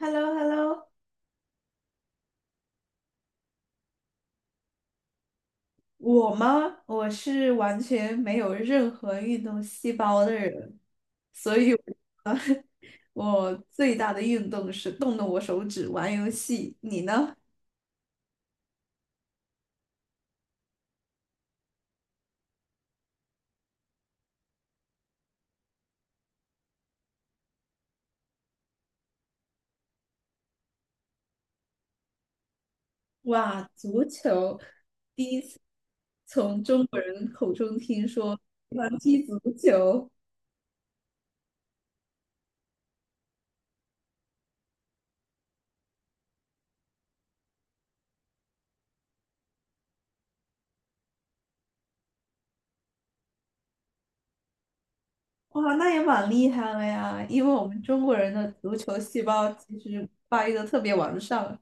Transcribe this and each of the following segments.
Hello, hello. 我吗？我是完全没有任何运动细胞的人，所以我 我最大的运动是动动我手指玩游戏。你呢？哇，足球第一次从中国人口中听说喜欢踢足球，哇，那也蛮厉害了呀！因为我们中国人的足球细胞其实发育的特别完善。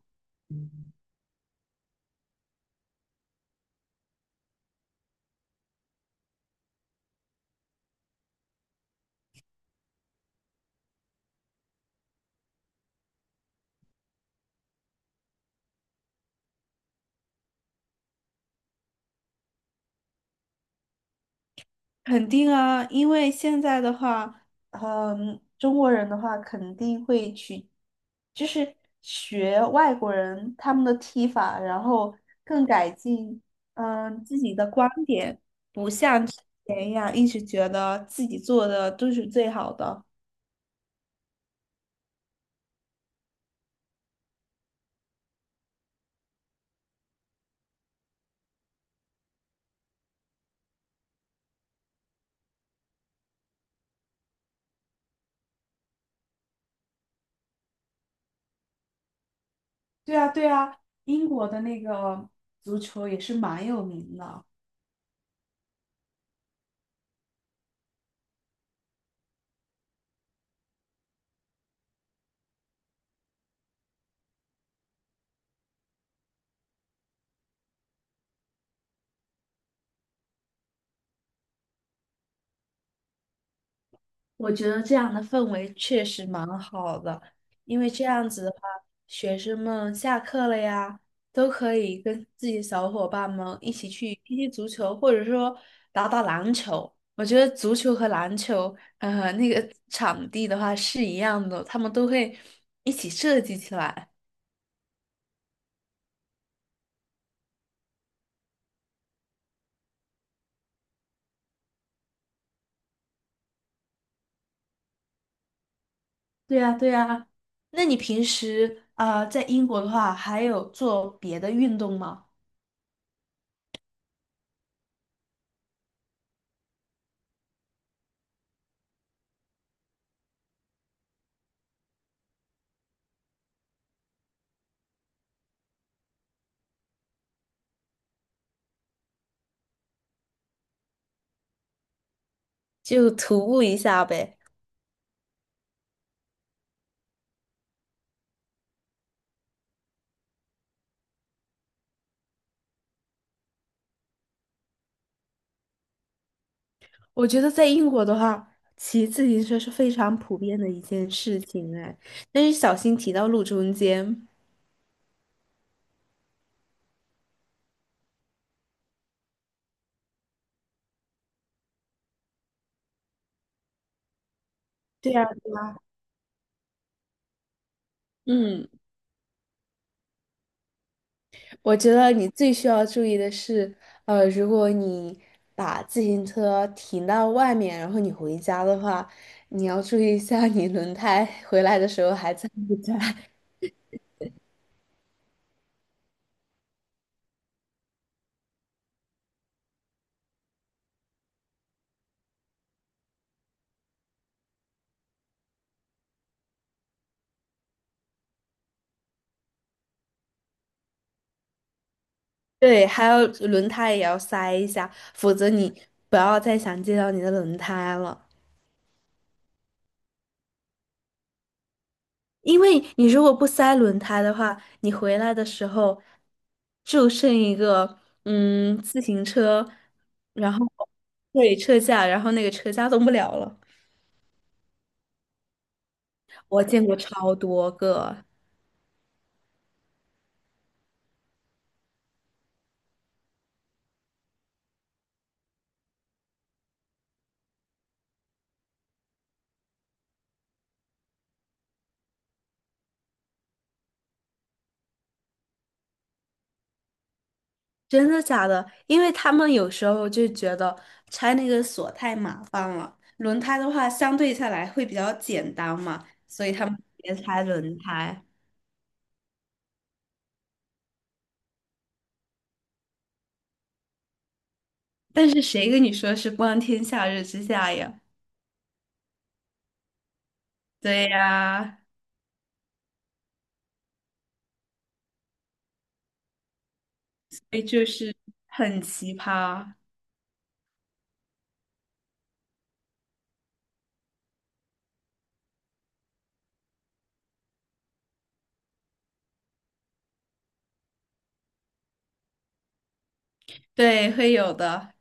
肯定啊，因为现在的话，嗯，中国人的话肯定会去，就是学外国人他们的踢法，然后更改进，嗯，自己的观点。哎呀，一直觉得自己做的都是最好的。对啊，对啊，英国的那个足球也是蛮有名的。我觉得这样的氛围确实蛮好的，因为这样子的话，学生们下课了呀，都可以跟自己的小伙伴们一起去踢踢足球，或者说打打篮球。我觉得足球和篮球，那个场地的话是一样的，他们都会一起设计起来。对呀，对呀。那你平时啊，在英国的话，还有做别的运动吗？就徒步一下呗。我觉得在英国的话，骑自行车是非常普遍的一件事情哎，但是小心骑到路中间。对呀，嗯，我觉得你最需要注意的是，如果你把自行车停到外面，然后你回家的话，你要注意一下你轮胎 回来的时候还在不在。对，还有轮胎也要塞一下，否则你不要再想见到你的轮胎了。因为你如果不塞轮胎的话，你回来的时候就剩一个自行车，然后对车架，然后那个车架动不了了。我见过超多个，真的假的？因为他们有时候就觉得拆那个锁太麻烦了，轮胎的话相对下来会比较简单嘛，所以他们别拆轮胎。但是谁跟你说是光天化日之下呀？对呀、哎，就是很奇葩，对，会有的。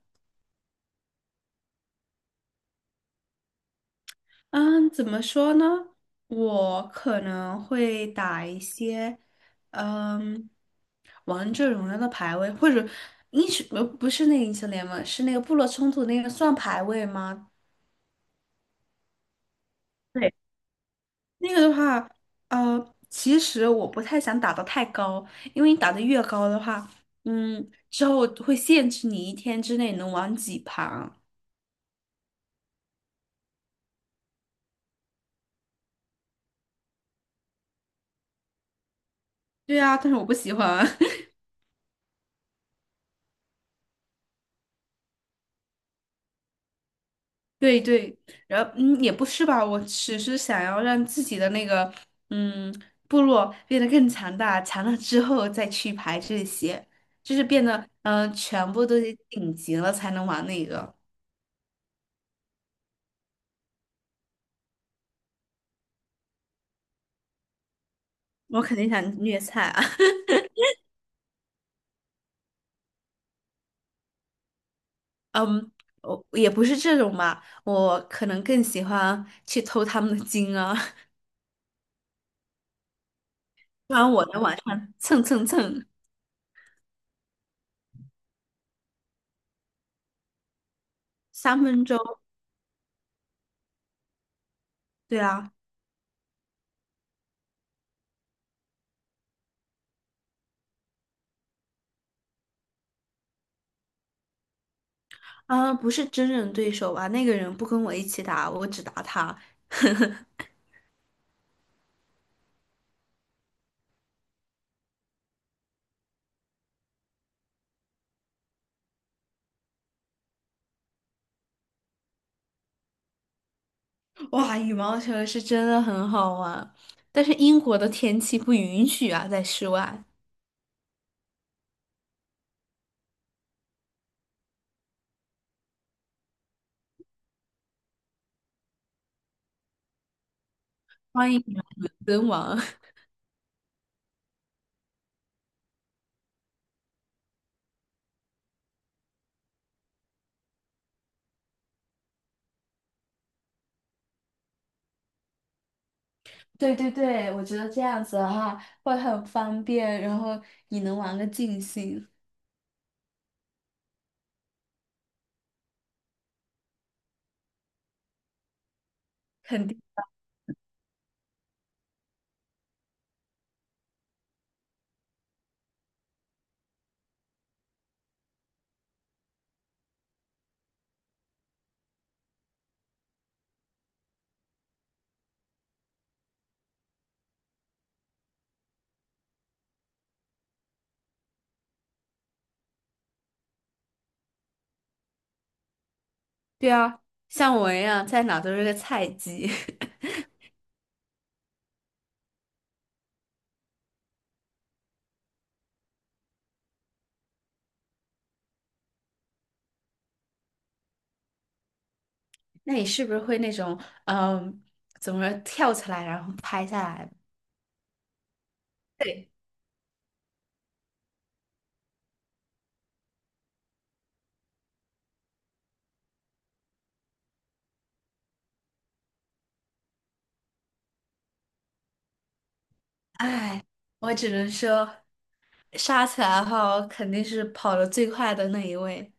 嗯，怎么说呢？我可能会打一些，嗯，王者荣耀的排位，或者英雄，不是那个英雄联盟，是那个部落冲突那个算排位吗？对，那个的话，其实我不太想打的太高，因为你打的越高的话，嗯，之后会限制你一天之内能玩几盘。对啊，但是我不喜欢。对对，然后嗯，也不是吧，我只是想要让自己的那个嗯部落变得更强大，强大之后再去排这些，就是变得全部都得顶级了才能玩那个。我肯定想虐菜啊，嗯，我也不是这种吧，我可能更喜欢去偷他们的金啊，不然我能晚上蹭蹭蹭3分钟，对啊。啊，不是真人对手吧？那个人不跟我一起打，我只打他。哇，羽毛球是真的很好玩，但是英国的天气不允许啊，在室外。欢迎你们伦敦王。对对对，我觉得这样子的话会很方便，然后你能玩个尽兴，肯定。对啊，像我一样，在哪都是个菜鸡。那你是不是会那种，嗯，怎么说跳起来然后拍下来？对，哎，我只能说，杀起来的后肯定是跑得最快的那一位。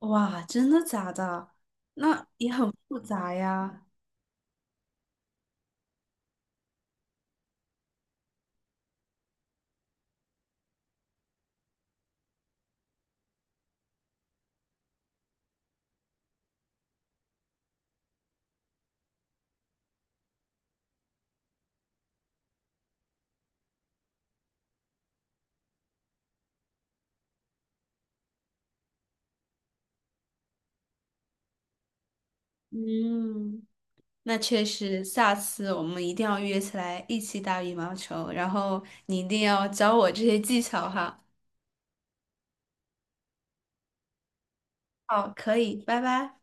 哇，真的假的？那也很复杂呀。嗯，那确实，下次我们一定要约起来一起打羽毛球，然后你一定要教我这些技巧哈。好，可以，拜拜。